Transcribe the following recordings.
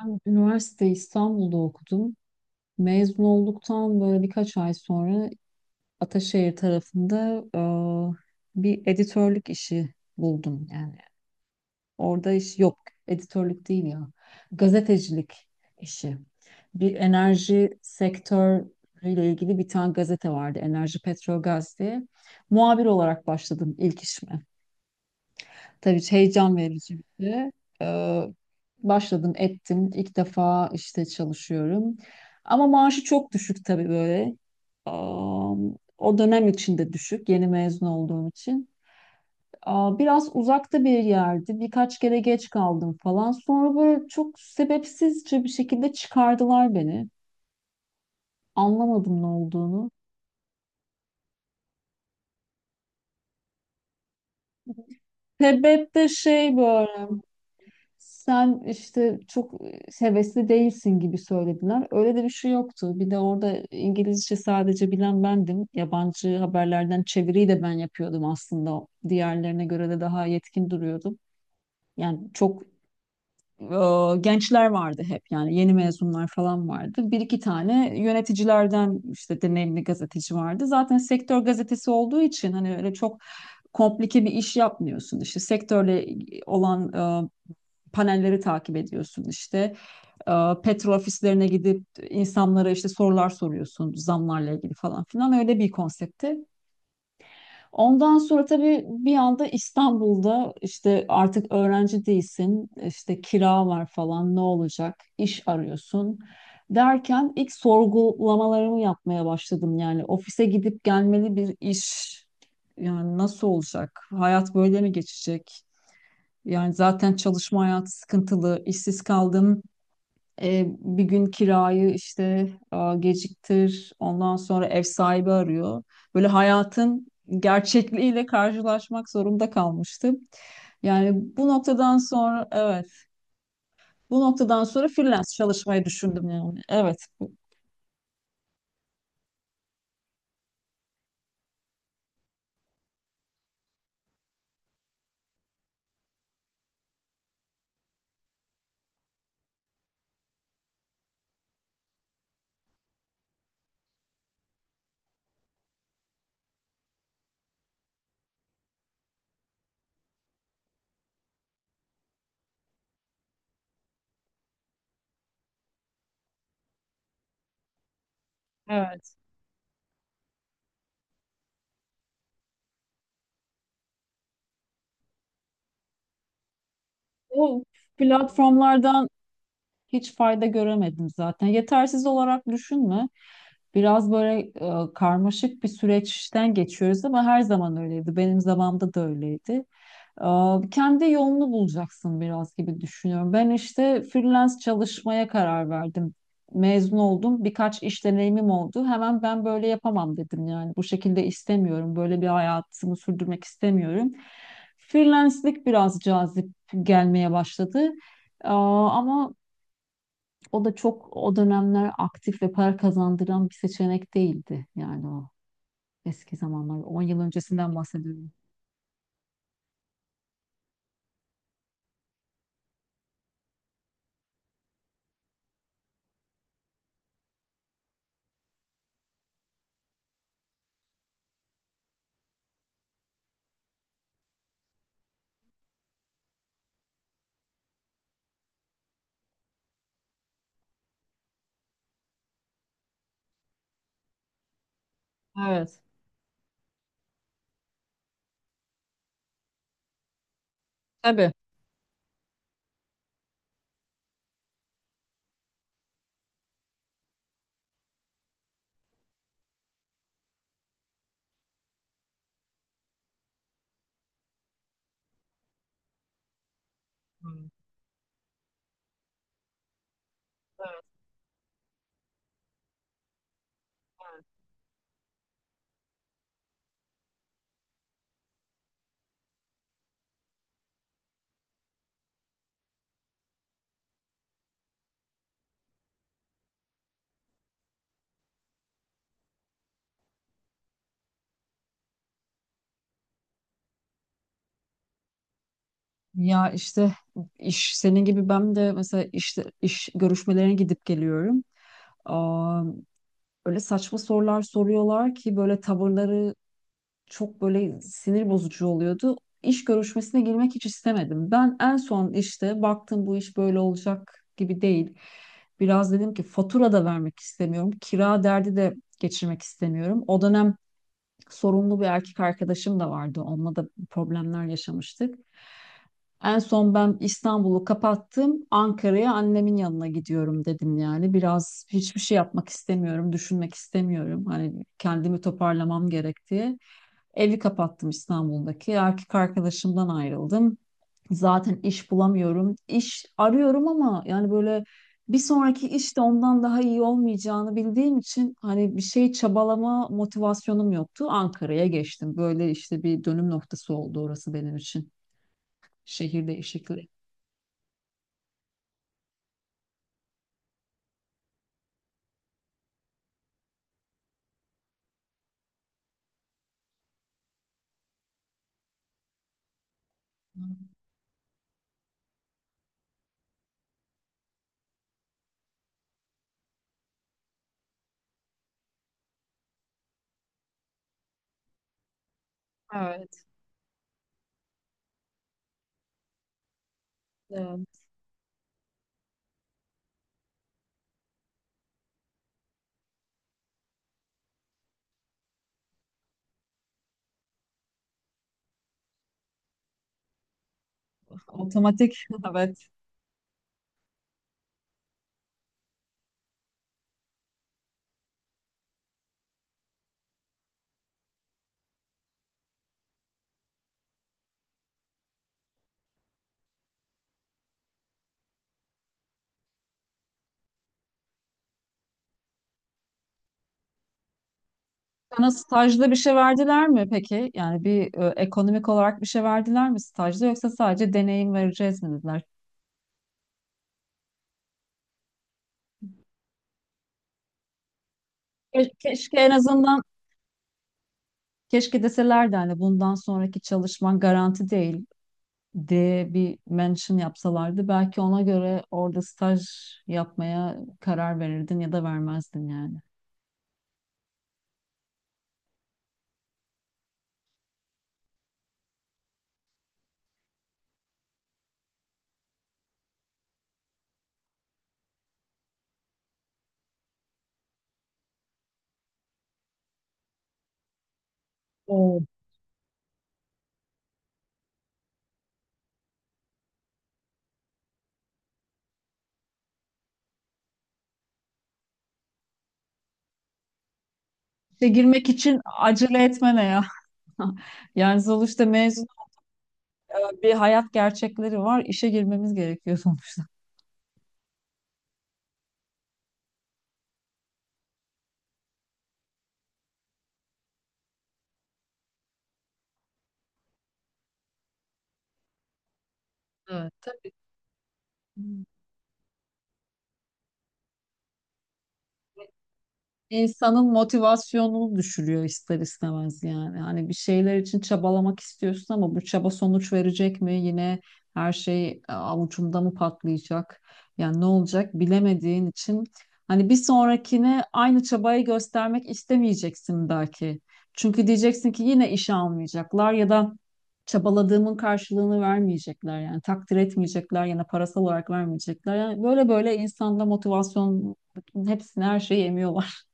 Ben üniversite İstanbul'da okudum. Mezun olduktan böyle birkaç ay sonra Ataşehir tarafında bir editörlük işi buldum. Yani orada iş yok. Editörlük değil ya. Gazetecilik işi. Bir enerji sektörüyle ilgili bir tane gazete vardı. Enerji Petrogaz diye. Muhabir olarak başladım ilk işime. Tabii heyecan verici bir şey. Ee, Başladım ettim. İlk defa işte çalışıyorum. Ama maaşı çok düşük tabii böyle. Aa, O dönem içinde düşük. Yeni mezun olduğum için. Biraz uzakta bir yerdi. Birkaç kere geç kaldım falan. Sonra böyle çok sebepsizce bir şekilde çıkardılar beni. Anlamadım ne olduğunu. Sebep de şey böyle. Sen işte çok hevesli değilsin gibi söylediler. Öyle de bir şey yoktu. Bir de orada İngilizce sadece bilen bendim. Yabancı haberlerden çeviriyi de ben yapıyordum aslında. Diğerlerine göre de daha yetkin duruyordum. Yani çok gençler vardı hep yani yeni mezunlar falan vardı. Bir iki tane yöneticilerden işte deneyimli gazeteci vardı. Zaten sektör gazetesi olduğu için hani öyle çok komplike bir iş yapmıyorsun. İşte sektörle olan e, panelleri takip ediyorsun işte. E, Petrol ofislerine gidip insanlara işte sorular soruyorsun zamlarla ilgili falan filan öyle bir konsepti. Ondan sonra tabii bir anda İstanbul'da işte artık öğrenci değilsin, işte kira var falan ne olacak, iş arıyorsun derken ilk sorgulamalarımı yapmaya başladım. Yani ofise gidip gelmeli bir iş yani nasıl olacak? Hayat böyle mi geçecek? Yani zaten çalışma hayatı sıkıntılı, işsiz kaldım. Bir gün kirayı işte geciktir, ondan sonra ev sahibi arıyor. Böyle hayatın gerçekliğiyle karşılaşmak zorunda kalmıştım. Yani bu noktadan sonra evet, bu noktadan sonra freelance çalışmayı düşündüm yani. Evet, evet. Bu platformlardan hiç fayda göremedim zaten. Yetersiz olarak düşünme. Biraz böyle karmaşık bir süreçten geçiyoruz ama her zaman öyleydi. Benim zamanımda da öyleydi. Kendi yolunu bulacaksın biraz gibi düşünüyorum. Ben işte freelance çalışmaya karar verdim. Mezun oldum. Birkaç iş deneyimim oldu. Hemen ben böyle yapamam dedim yani. Bu şekilde istemiyorum. Böyle bir hayatımı sürdürmek istemiyorum. Freelance'lik biraz cazip gelmeye başladı. Ama o da çok o dönemler aktif ve para kazandıran bir seçenek değildi. Yani o eski zamanlar. 10 yıl öncesinden bahsediyorum. Evet. Tabii. Ya işte iş senin gibi ben de mesela işte iş görüşmelerine gidip geliyorum. Aa, Öyle saçma sorular soruyorlar ki böyle tavırları çok böyle sinir bozucu oluyordu. İş görüşmesine girmek hiç istemedim. Ben en son işte baktım bu iş böyle olacak gibi değil. Biraz dedim ki fatura da vermek istemiyorum. Kira derdi de geçirmek istemiyorum. O dönem sorumlu bir erkek arkadaşım da vardı. Onunla da problemler yaşamıştık. En son ben İstanbul'u kapattım. Ankara'ya annemin yanına gidiyorum dedim yani. Biraz hiçbir şey yapmak istemiyorum, düşünmek istemiyorum. Hani kendimi toparlamam gerek diye. Evi kapattım İstanbul'daki. Erkek arkadaşımdan ayrıldım. Zaten iş bulamıyorum. İş arıyorum ama yani böyle bir sonraki iş de ondan daha iyi olmayacağını bildiğim için hani bir şey çabalama motivasyonum yoktu. Ankara'ya geçtim. Böyle işte bir dönüm noktası oldu orası benim için. Şehir değişikliği. Evet. Evet. Otomatik. Evet. Sana stajda bir şey verdiler mi peki? Yani bir ekonomik olarak bir şey verdiler mi stajda yoksa sadece deneyim vereceğiz mi dediler? Keşke en azından keşke deselerdi hani bundan sonraki çalışman garanti değil diye bir mention yapsalardı. Belki ona göre orada staj yapmaya karar verirdin ya da vermezdin yani. Evet. İşe girmek için acele etmene ya. Yani sonuçta mezun bir hayat gerçekleri var. İşe girmemiz gerekiyor sonuçta. Evet, tabii. İnsanın motivasyonunu düşürüyor ister istemez yani. Hani bir şeyler için çabalamak istiyorsun ama bu çaba sonuç verecek mi? Yine her şey avucumda mı patlayacak? Yani ne olacak bilemediğin için hani bir sonrakine aynı çabayı göstermek istemeyeceksin belki. Çünkü diyeceksin ki yine işe almayacaklar ya da çabaladığımın karşılığını vermeyecekler yani takdir etmeyecekler ya da parasal olarak vermeyecekler. Yani böyle böyle insanda motivasyon hepsini her şeyi emiyorlar.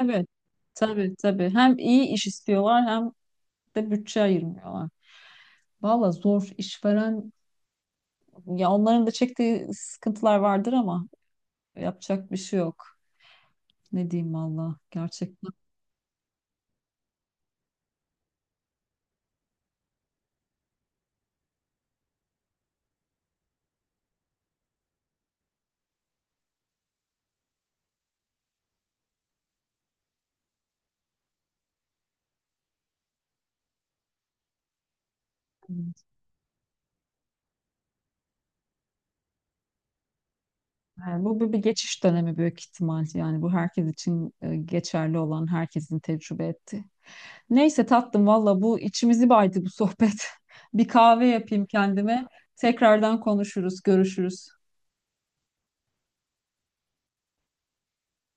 Evet. Tabii tabii. Hem iyi iş istiyorlar hem de bütçe ayırmıyorlar. Valla zor işveren ya onların da çektiği sıkıntılar vardır ama yapacak bir şey yok. Ne diyeyim valla gerçekten. Yani bu bir, bir geçiş dönemi büyük ihtimal. Yani bu herkes için geçerli olan herkesin tecrübe etti. Neyse tatlım valla bu içimizi baydı bu sohbet. Bir kahve yapayım kendime. Tekrardan konuşuruz, görüşürüz.